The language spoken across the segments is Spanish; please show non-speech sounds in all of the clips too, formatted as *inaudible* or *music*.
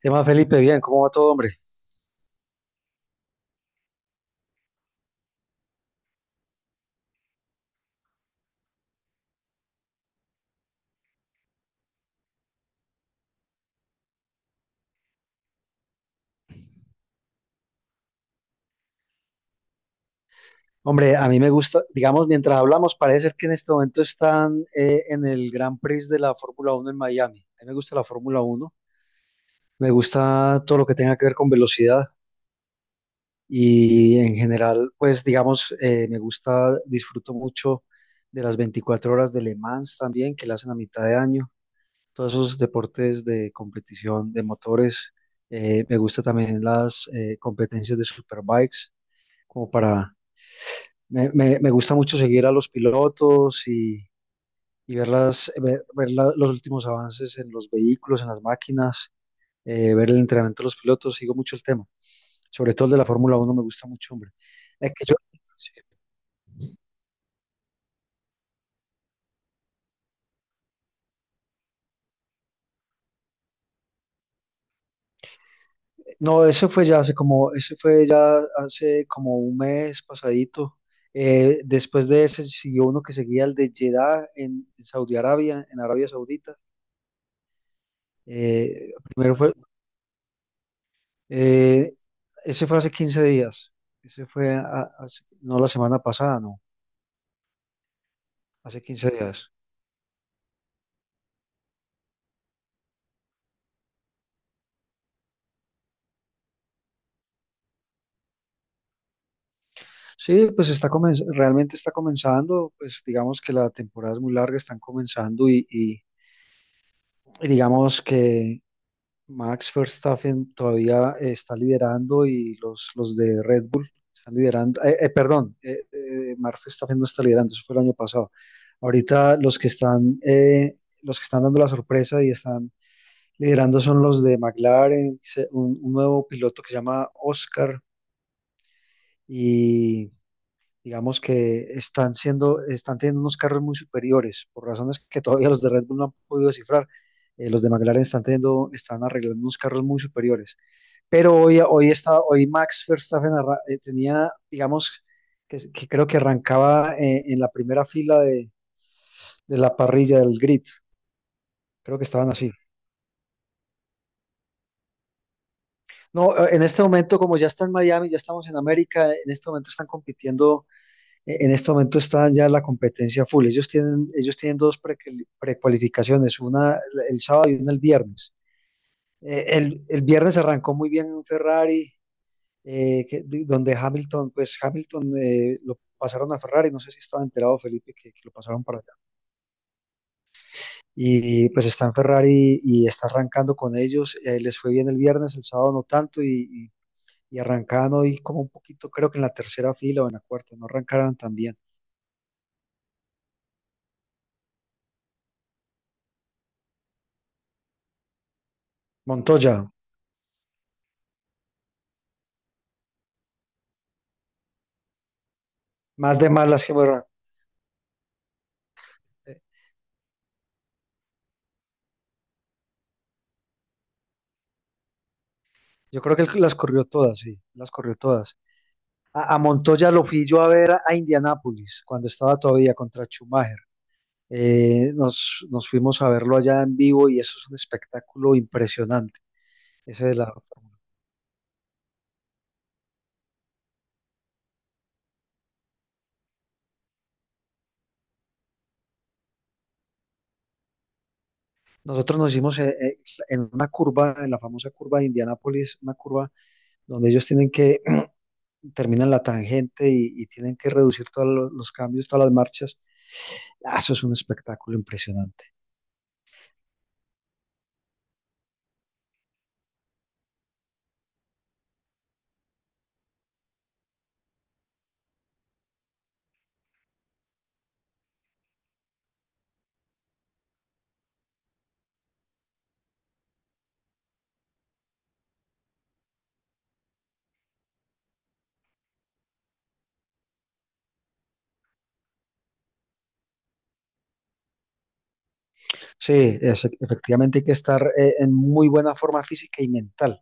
¿Qué más, Felipe? Bien, ¿cómo va todo, hombre? Hombre, a mí me gusta, digamos, mientras hablamos, parece ser que en este momento están en el Gran Prix de la Fórmula Uno en Miami. A mí me gusta la Fórmula Uno, me gusta todo lo que tenga que ver con velocidad y en general, pues, digamos, me gusta, disfruto mucho de las 24 horas de Le Mans también, que la hacen a mitad de año. Todos esos deportes de competición de motores. Me gusta también las competencias de superbikes, como para Me gusta mucho seguir a los pilotos y ver, los últimos avances en los vehículos, en las máquinas, ver el entrenamiento de los pilotos, sigo mucho el tema, sobre todo el de la Fórmula Uno me gusta mucho, hombre. Es que yo- no, eso fue ya eso fue ya hace como un mes pasadito. Después de ese siguió uno que seguía el de Jeddah en Saudi Arabia, en Arabia Saudita. Eh, primero fue, Eh, Ese fue hace 15 días. Ese fue, a- hace- No la semana pasada, no, hace 15 días. Sí, pues realmente está comenzando, pues digamos que la temporada es muy larga, están comenzando y digamos que Max Verstappen todavía está liderando y los de Red Bull están liderando. Perdón, Max Verstappen no está liderando, eso fue el año pasado. Ahorita los que están dando la sorpresa y están liderando son los de McLaren, un nuevo piloto que se llama Oscar y digamos que están teniendo unos carros muy superiores por razones que todavía los de Red Bull no han podido descifrar. Los de McLaren están teniendo, están arreglando unos carros muy superiores. Pero hoy Max Verstappen tenía, digamos, que creo que arrancaba en la primera fila de la parrilla del grid. Creo que estaban así. No, en este momento, como ya está en Miami, ya estamos en América, en este momento están compitiendo, en este momento está ya la competencia full. Ellos tienen dos prequali- precualificaciones, una el sábado y una el viernes. El viernes arrancó muy bien Ferrari, donde Hamilton, pues Hamilton lo pasaron a Ferrari, no sé si estaba enterado Felipe que lo pasaron para allá. Y pues está en Ferrari y está arrancando con ellos, les fue bien el viernes, el sábado no tanto y arrancaban hoy como un poquito, creo que en la tercera fila o en la cuarta, no arrancaron tan bien. Montoya, más de más las que bueno, eh, yo creo que él las corrió todas, sí, las corrió todas. A Montoya lo fui yo a ver a Indianápolis cuando estaba todavía contra Schumacher. Nos fuimos a verlo allá en vivo y eso es un espectáculo impresionante. Ese de la, Nosotros nos hicimos en una curva, en la famosa curva de Indianápolis, una curva donde ellos tienen que terminan la tangente y tienen que reducir los cambios, todas las marchas. Ah, eso es un espectáculo impresionante. Sí, efectivamente hay que estar en muy buena forma física y mental.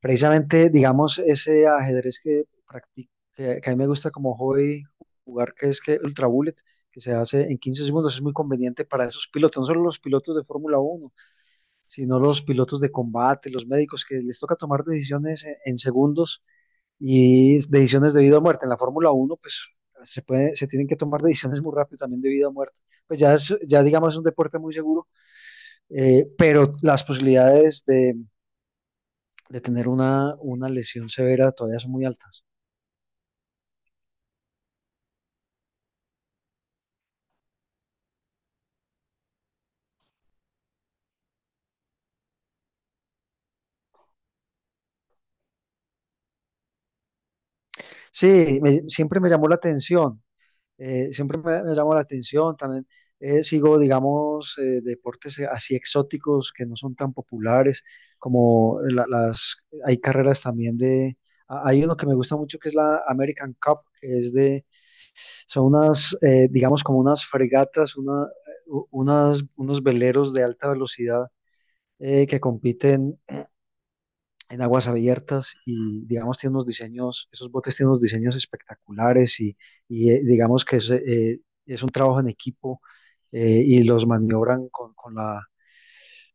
Precisamente, digamos, ese ajedrez que practico, que a mí me gusta como hobby jugar, que es que Ultra Bullet, que se hace en 15 segundos, es muy conveniente para esos pilotos, no solo los pilotos de Fórmula uno sino los pilotos de combate, los médicos, que les toca tomar decisiones en segundos y decisiones de vida o muerte. En la Fórmula uno pues se tienen que tomar decisiones muy rápidas también de vida o muerte. Pues ya, ya digamos es un deporte muy seguro, pero las posibilidades de tener lesión severa todavía son muy altas. Sí, siempre me llamó la atención, siempre me llamó la atención. También sigo, digamos, deportes así exóticos que no son tan populares, como hay carreras también de, hay uno que me gusta mucho que es la American Cup, que es de, son unas, digamos, como unas fregatas, unos veleros de alta velocidad que compiten en aguas abiertas y digamos tiene unos diseños, esos botes tienen unos diseños espectaculares digamos que es un trabajo en equipo y los maniobran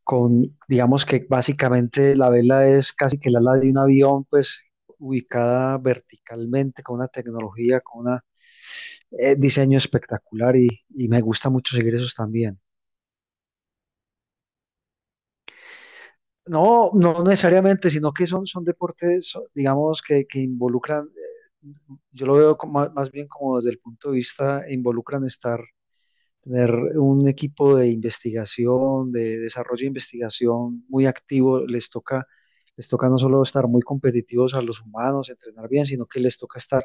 con digamos que básicamente la vela es casi que el ala de un avión, pues ubicada verticalmente con una tecnología, con un diseño espectacular y me gusta mucho seguir esos también. No, no necesariamente, sino que son, son deportes, digamos, que involucran, eh, yo lo veo más bien como desde el punto de vista, involucran estar, tener un equipo de investigación, de desarrollo e investigación muy activo, les toca no solo estar muy competitivos a los humanos, entrenar bien, sino que les toca estar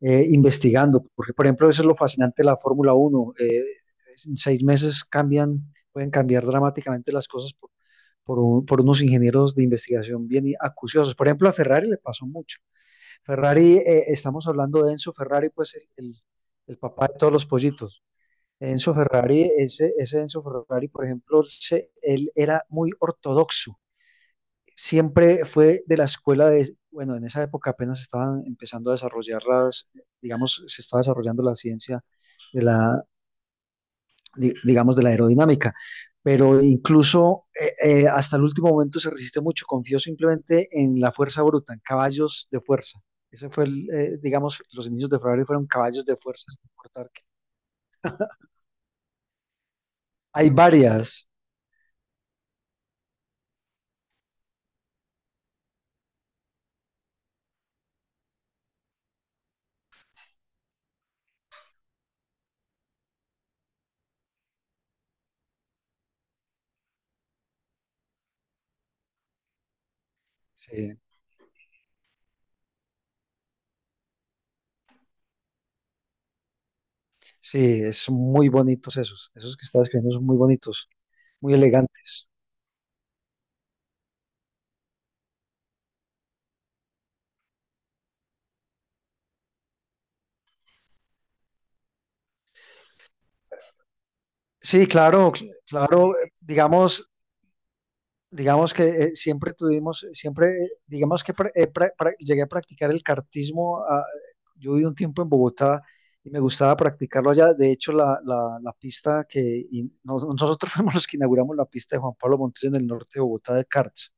investigando, porque por ejemplo eso es lo fascinante de la Fórmula Uno. En 6 meses cambian, pueden cambiar dramáticamente las cosas por unos ingenieros de investigación acuciosos. Por ejemplo, a Ferrari le pasó mucho. Ferrari, estamos hablando de Enzo Ferrari, pues el papá de todos los pollitos. Enzo Ferrari, ese Enzo Ferrari, por ejemplo, él era muy ortodoxo. Siempre fue de la escuela de, bueno, en esa época apenas estaban empezando a desarrollar las, digamos, se estaba desarrollando la ciencia, digamos, de la aerodinámica. Pero incluso hasta el último momento se resistió mucho. Confió simplemente en la fuerza bruta, en caballos de fuerza. Ese fue digamos, los inicios de Ferrari fueron caballos de fuerza, sin importar qué. Hay varias. Sí, sí, son muy bonitos esos. Esos que estás escribiendo son muy bonitos, muy elegantes. Sí, claro, claro. Digamos, digamos que siempre tuvimos, siempre, digamos que llegué a practicar el cartismo. Ah, yo viví un tiempo en Bogotá y me gustaba practicarlo allá. De hecho, la pista que nosotros *laughs* fuimos los que inauguramos la pista de Juan Pablo Montoya en el norte de Bogotá de karts.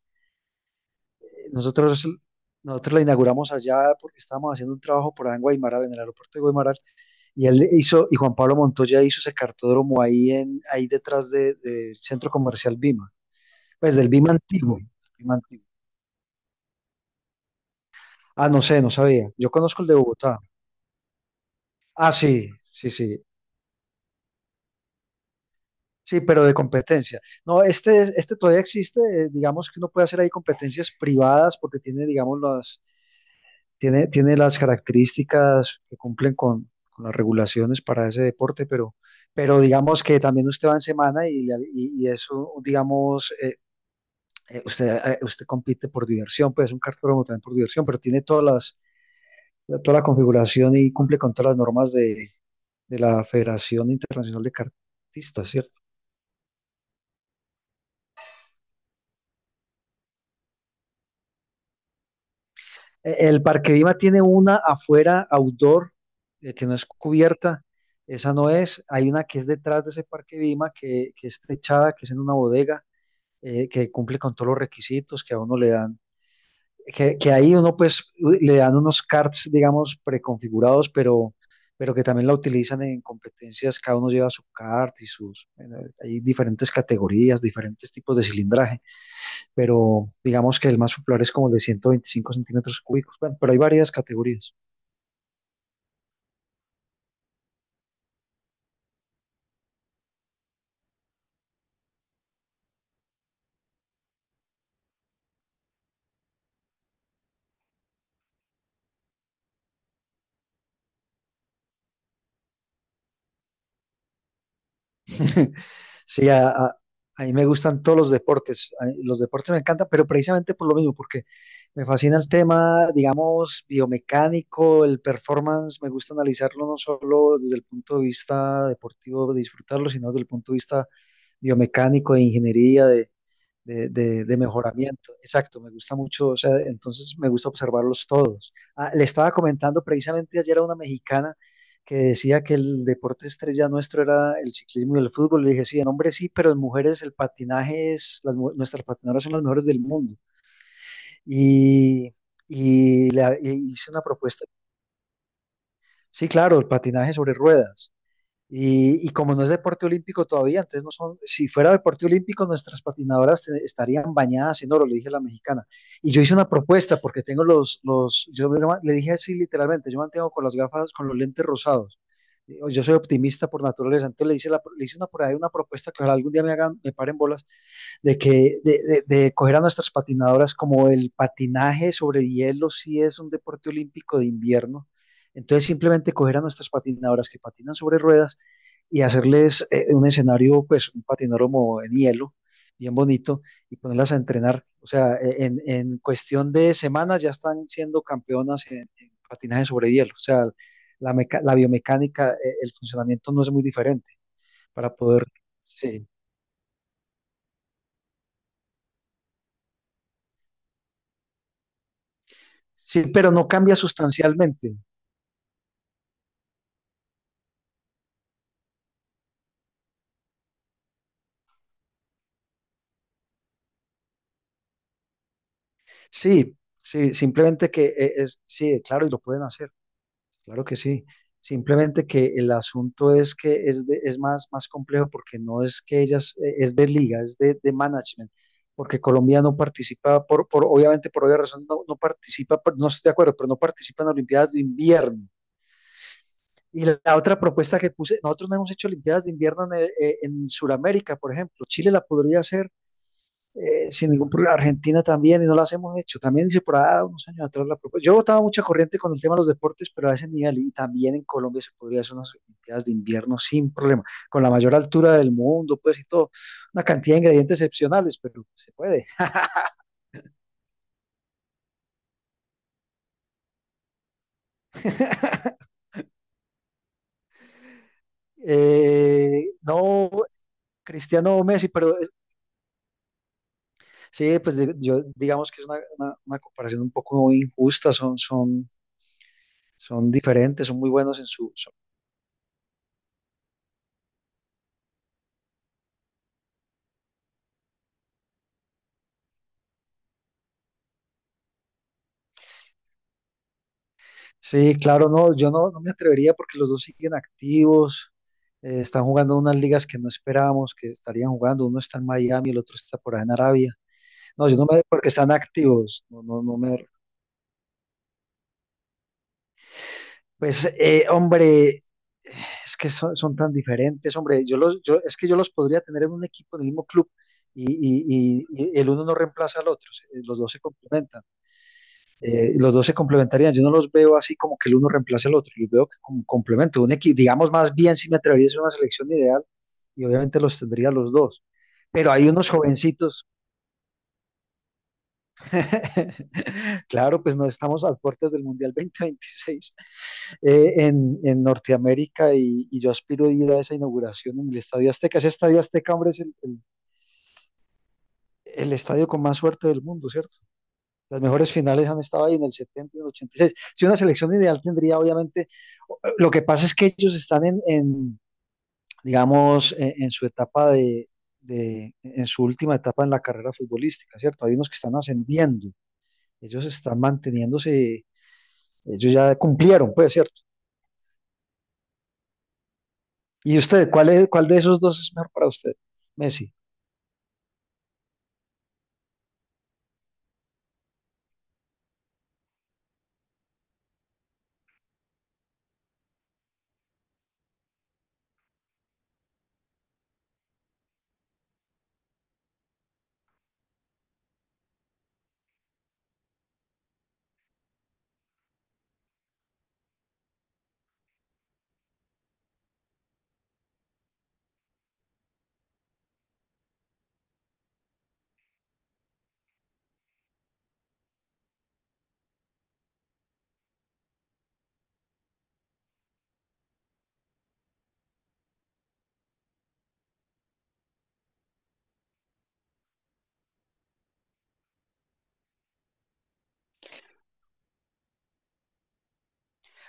Eh, Nosotros, Nosotros la inauguramos allá porque estábamos haciendo un trabajo por allá en Guaymaral, en el aeropuerto de Guaymaral. Y Juan Pablo Montoya hizo ese cartódromo ahí, ahí del centro comercial Bima, pues del Bima antiguo. Bima antiguo. Ah, no sé, no sabía. Yo conozco el de Bogotá. Ah, sí, sí, sí. Sí, pero de competencia. No, este, este todavía existe. Digamos que uno puede hacer ahí competencias privadas porque tiene, digamos, las, tiene las características que cumplen con las regulaciones para ese deporte, pero digamos que también usted va en semana y eso, digamos, usted, usted compite por diversión, pues es un cartódromo también por diversión, pero tiene todas las toda la configuración y cumple con todas las normas de la Federación Internacional de Cartistas, ¿cierto? El Parque Vima tiene una afuera, outdoor, que no es cubierta, esa no es, hay una que es detrás de ese Parque Vima, que es techada, que es en una bodega, que cumple con todos los requisitos que a uno le dan, que ahí uno pues le dan unos cards, digamos, preconfigurados, pero que también la utilizan en competencias, cada uno lleva su kart y sus, bueno, hay diferentes categorías, diferentes tipos de cilindraje, pero digamos que el más popular es como el de 125 centímetros cúbicos, bueno, pero hay varias categorías. *laughs* Sí, a mí me gustan todos los deportes, a los deportes me encantan, pero precisamente por lo mismo, porque me fascina el tema, digamos, biomecánico, el performance, me gusta analizarlo no solo desde el punto de vista deportivo, de disfrutarlo, sino desde el punto de vista biomecánico, de ingeniería, de mejoramiento. Exacto, me gusta mucho, o sea, entonces me gusta observarlos todos. Ah, le estaba comentando precisamente ayer a una mexicana que decía que el deporte estrella nuestro era el ciclismo y el fútbol. Le dije, sí, en hombres sí, pero en mujeres el patinaje es, nuestras patinadoras son las mejores del mundo. Y, e hice una propuesta. Sí, claro, el patinaje sobre ruedas. Y como no es deporte olímpico todavía, entonces no son, si fuera deporte olímpico, nuestras patinadoras estarían bañadas en oro, le dije a la mexicana. Y yo hice una propuesta porque tengo yo le dije así literalmente, yo mantengo con las gafas, con los lentes rosados. Yo soy optimista por naturaleza, entonces le hice una, por ahí una propuesta que ojalá algún día me hagan, me paren bolas, de que, de coger a nuestras patinadoras como el patinaje sobre hielo, si es un deporte olímpico de invierno. Entonces simplemente coger a nuestras patinadoras que patinan sobre ruedas y hacerles un escenario, pues un patinódromo en hielo, bien bonito, y ponerlas a entrenar. O sea, en cuestión de semanas ya están siendo campeonas en patinaje sobre hielo. O sea, la biomecánica, el funcionamiento no es muy diferente para poder... Sí, sí, pero no cambia sustancialmente. Sí, sí, simplemente que sí, claro, y lo pueden hacer. Claro que sí. Simplemente que el asunto es que es más, más complejo porque no es que ellas, es de liga, es de management, porque Colombia no participa, obviamente por obvias razones no participa, por- no estoy de acuerdo, pero no participa en Olimpiadas de invierno. Y la otra propuesta que puse, nosotros no hemos hecho Olimpiadas de invierno en Sudamérica, por ejemplo. Chile la podría hacer, sin ningún problema. Argentina también, y no las hemos hecho. También hice por ahí unos años atrás la propuesta. Yo estaba mucha corriente con el tema de los deportes, pero a ese nivel, y también en Colombia se podría hacer unas Olimpiadas de invierno sin problema, con la mayor altura del mundo, pues y todo. Una cantidad de ingredientes excepcionales, pero se puede. *laughs* No. Cristiano o Messi, pero sí, pues yo digamos que es una comparación un poco injusta, son, son diferentes, son muy buenos en su. Sí, claro, no, yo no, no me atrevería porque los dos siguen activos, están jugando unas ligas que no esperábamos que estarían jugando, uno está en Miami, el otro está por allá en Arabia. No, yo no me, porque están activos, no me... Pues, hombre, es que son tan diferentes, hombre, es que yo los podría tener en un equipo, en el mismo club, y, y el uno no reemplaza al otro, los dos se complementan. Los dos se complementarían. Yo no los veo así como que el uno reemplace al otro. Los veo que como complemento. Un equipo, digamos más bien, si me atrevería a hacer una selección ideal, y obviamente los tendría los dos. Pero hay unos jovencitos. *laughs* Claro, pues no estamos a las puertas del Mundial 2026, en Norteamérica y yo aspiro a ir a esa inauguración en el Estadio Azteca. Ese Estadio Azteca, hombre, el estadio con más suerte del mundo, ¿cierto? Las mejores finales han estado ahí en el 70 y en el 86. Si una selección ideal tendría, obviamente, lo que pasa es que ellos están en digamos, su etapa de, en su última etapa en la carrera futbolística, ¿cierto? Hay unos que están ascendiendo, ellos están manteniéndose, ellos ya cumplieron, pues, ¿cierto? ¿Y usted, cuál de esos dos es mejor para usted, Messi?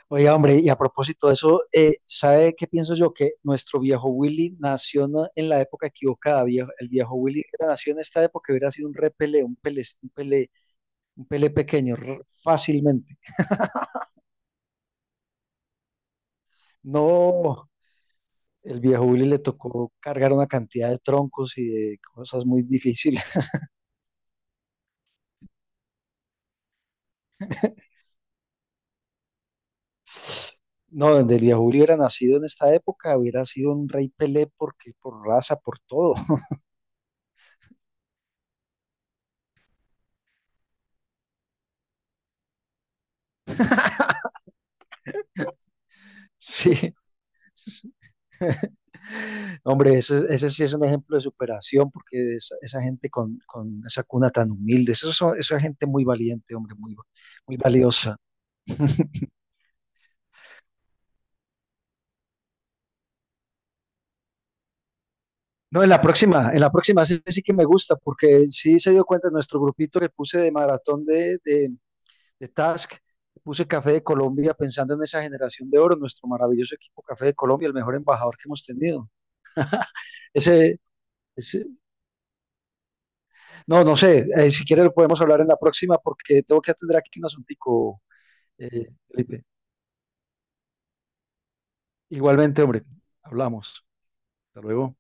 Oiga, hombre, y a propósito de eso, ¿sabe qué pienso yo? Que nuestro viejo Willy en la época equivocada. Viejo, el viejo Willy hubiera nació en esta época, hubiera sido un repele, un pele pequeño, r- fácilmente. No, el viejo Willy le tocó cargar una cantidad de troncos y de cosas muy difíciles. *laughs* No, donde el viejo Willy hubiera nacido en esta época, hubiera sido un rey Pelé porque por raza, por todo. *laughs* Sí, sí. Hombre, ese sí es un ejemplo de superación porque esa gente con esa cuna tan humilde, esa gente muy valiente, hombre, muy, muy valiosa. No, en la próxima sí, sí que me gusta porque sí se dio cuenta nuestro grupito que puse de maratón de Task. Puse Café de Colombia pensando en esa generación de oro, nuestro maravilloso equipo Café de Colombia, el mejor embajador que hemos tenido. Ese, ese no, no sé, si quieres lo podemos hablar en la próxima porque tengo que atender aquí un asuntico, Felipe. Igualmente, hombre, hablamos. Hasta luego.